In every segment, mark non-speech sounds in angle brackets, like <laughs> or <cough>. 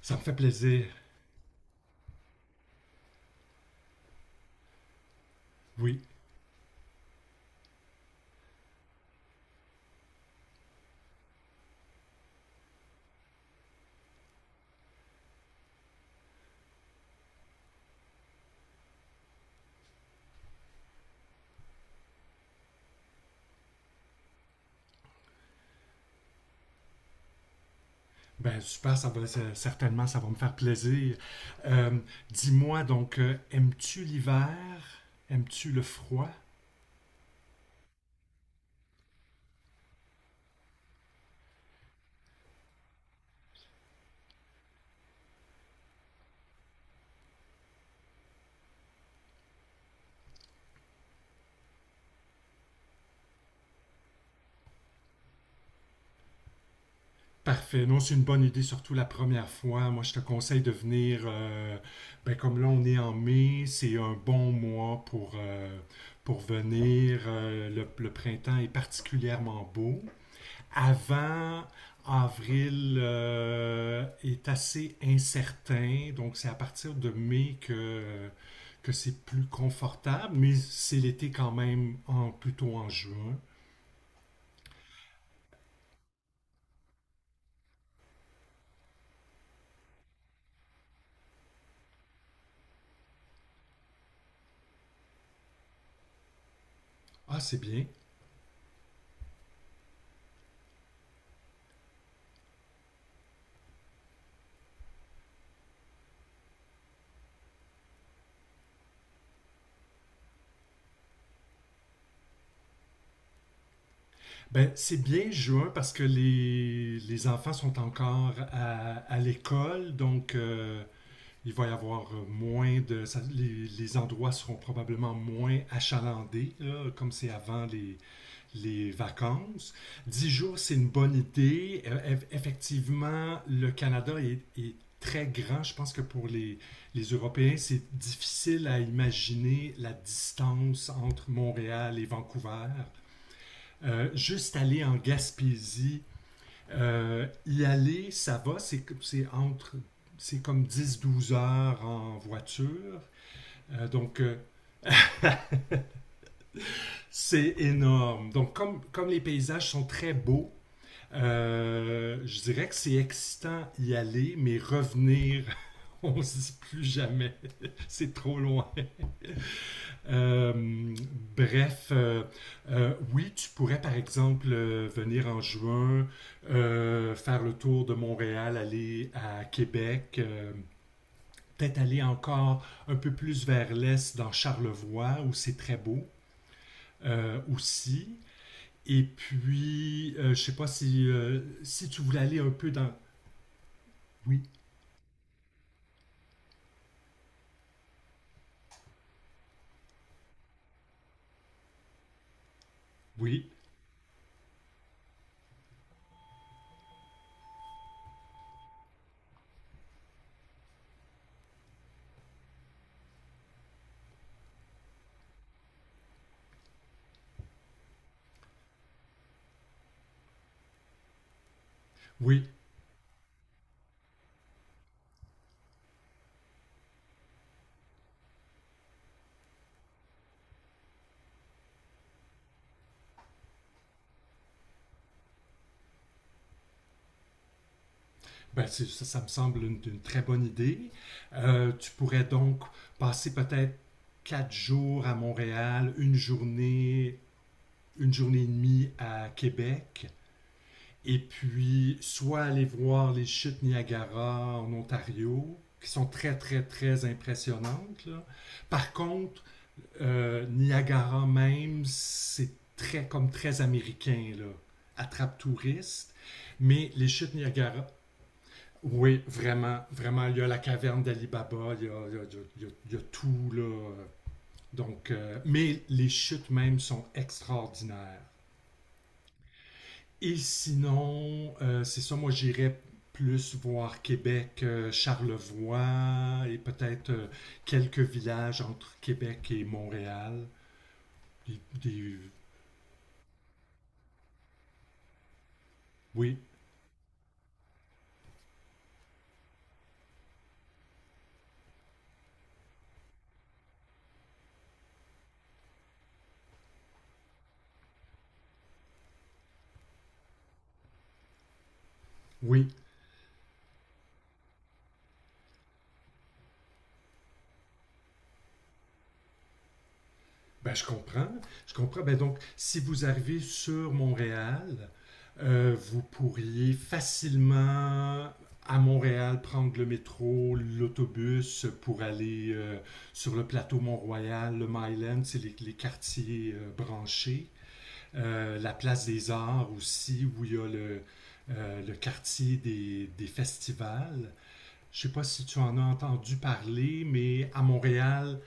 Ça me fait plaisir, oui. Ben super, certainement, ça va me faire plaisir. Euh, Dis-moi donc, aimes-tu l'hiver? Aimes-tu le froid? Parfait. Non, c'est une bonne idée, surtout la première fois. Moi, je te conseille de venir. Ben, comme là, on est en mai, c'est un bon mois pour venir. Le printemps est particulièrement beau. Avant avril est assez incertain, donc c'est à partir de mai que c'est plus confortable, mais c'est l'été quand même plutôt en juin. Ah, c'est bien. Ben, c'est bien juin parce que les enfants sont encore à l'école, il va y avoir les endroits seront probablement moins achalandés, là, comme c'est avant les vacances. 10 jours, c'est une bonne idée. Effectivement, le Canada est très grand. Je pense que pour les Européens, c'est difficile à imaginer la distance entre Montréal et Vancouver. Juste aller en Gaspésie, y aller, ça va, entre... c'est comme 10 12 heures en voiture. Euh, donc, euh, c'est énorme. Donc, comme les paysages sont très beaux, je dirais que c'est excitant y aller, mais revenir, <laughs> on se dit plus jamais. <laughs> C'est trop loin. Euh, Bref, oui, tu pourrais par exemple venir en juin, faire le tour de Montréal, aller à Québec. Peut-être aller encore un peu plus vers l'est dans Charlevoix où c'est très beau aussi. Et puis, je sais pas si tu voulais aller un peu dans... Oui. Oui, oui. Ben, ça, ça me semble une très bonne idée. Tu pourrais donc passer peut-être 4 jours à Montréal, une journée et demie à Québec, et puis soit aller voir les chutes Niagara en Ontario, qui sont très, très, très impressionnantes, là. Par contre, Niagara même, c'est très, comme très américain, là. Attrape touriste. Mais les chutes Niagara, oui, vraiment, vraiment. Il y a la caverne d'Alibaba, il, y a- il y a- il y a- il y a tout, là. Donc, mais les chutes même sont extraordinaires. Et sinon, c'est ça, moi j'irais plus voir Québec, Charlevoix et peut-être quelques villages entre Québec et Montréal. Des- des- oui, oui, ben, je comprends. Je comprends. Ben, donc, si vous arrivez sur Montréal, vous pourriez facilement à Montréal prendre le métro, l'autobus pour aller sur le plateau Mont-Royal, le Mile End, c'est les quartiers branchés. La place des arts aussi, où il y a le quartier des festivals. Je ne sais pas si tu en as entendu parler, mais à Montréal,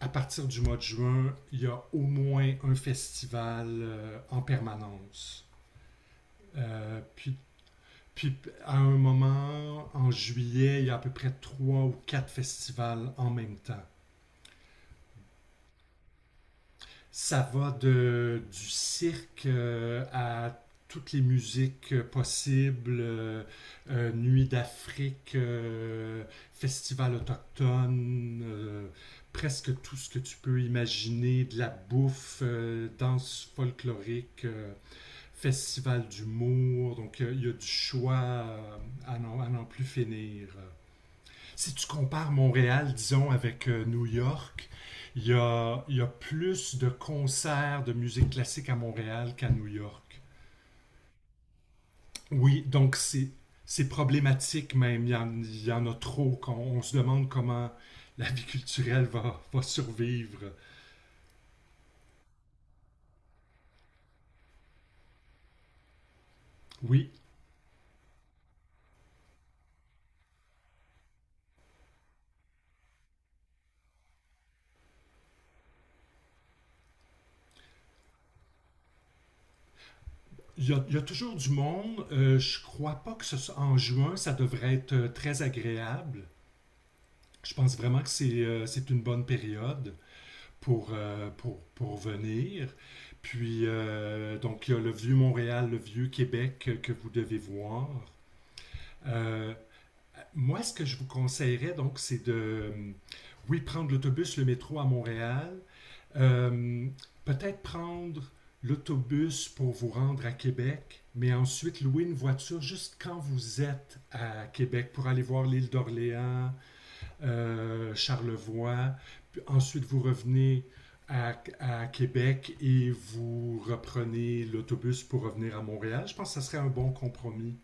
à partir du mois de juin, il y a au moins un festival en permanence. Euh, puis, puis à un moment, en juillet, il y a à peu près trois ou quatre festivals en même temps. Ça va du cirque à toutes les musiques possibles, Nuit d'Afrique, Festival autochtone, presque tout ce que tu peux imaginer, de la bouffe, danse folklorique, Festival d'humour, il y a du choix à n'en plus finir. Si tu compares Montréal, disons, avec New York, il y a plus de concerts de musique classique à Montréal qu'à New York. Oui, donc c'est problématique même. Il y en a trop. On se demande comment la vie culturelle va survivre. Oui. Il y a toujours du monde. Je crois pas que ce soit en juin, ça devrait être très agréable. Je pense vraiment que c'est une bonne période pour venir. Puis, donc, il y a le vieux Montréal, le vieux Québec que vous devez voir. Euh, Moi, ce que je vous conseillerais, donc, c'est oui, prendre l'autobus, le métro à Montréal. Euh, Peut-être prendre l'autobus pour vous rendre à Québec, mais ensuite louer une voiture juste quand vous êtes à Québec pour aller voir l'île d'Orléans, Charlevoix. Puis ensuite, vous revenez à, à Québec et vous reprenez l'autobus pour revenir à Montréal. Je pense que ça serait un bon compromis.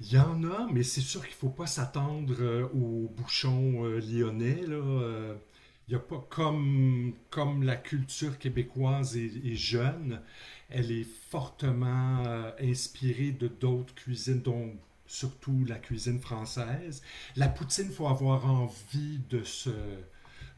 Il y en a, mais c'est sûr qu'il ne faut pas s'attendre aux bouchons lyonnais. Là. Il y a pas comme, comme la culture québécoise est jeune, elle est fortement inspirée de d'autres cuisines, dont surtout la cuisine française. La poutine, il faut avoir envie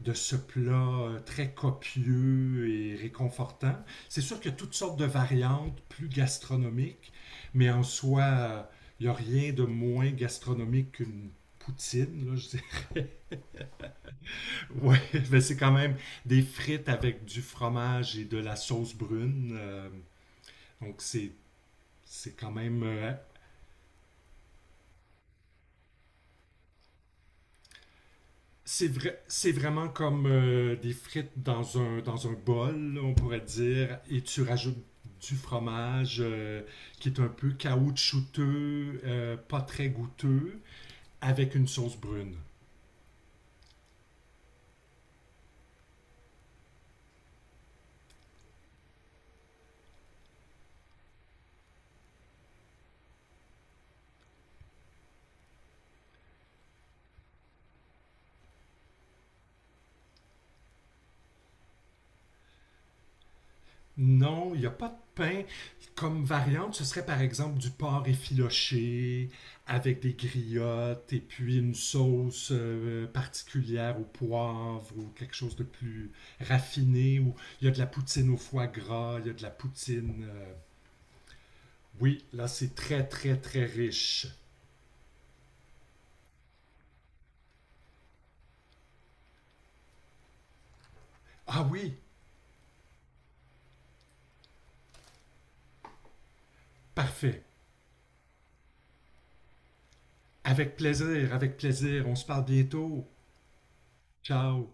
de ce plat très copieux et réconfortant. C'est sûr qu'il y a toutes sortes de variantes plus gastronomiques, mais en soi, il n'y a rien de moins gastronomique qu'une poutine, là, je dis. <laughs> Ouais, mais c'est quand même des frites avec du fromage et de la sauce brune. Donc c'est c'est quand même c'est vraiment comme des frites dans un bol, là, on pourrait dire, et tu rajoutes du fromage qui est un peu caoutchouteux, pas très goûteux, avec une sauce brune. Non, il n'y a pas de pain. Comme variante, ce serait par exemple du porc effiloché avec des griottes et puis une sauce particulière au poivre ou quelque chose de plus raffiné. Ou il y a de la poutine au foie gras, il y a de la poutine. Oui, là c'est très très très riche. Ah oui, parfait. Avec plaisir, avec plaisir. On se parle bientôt. Ciao.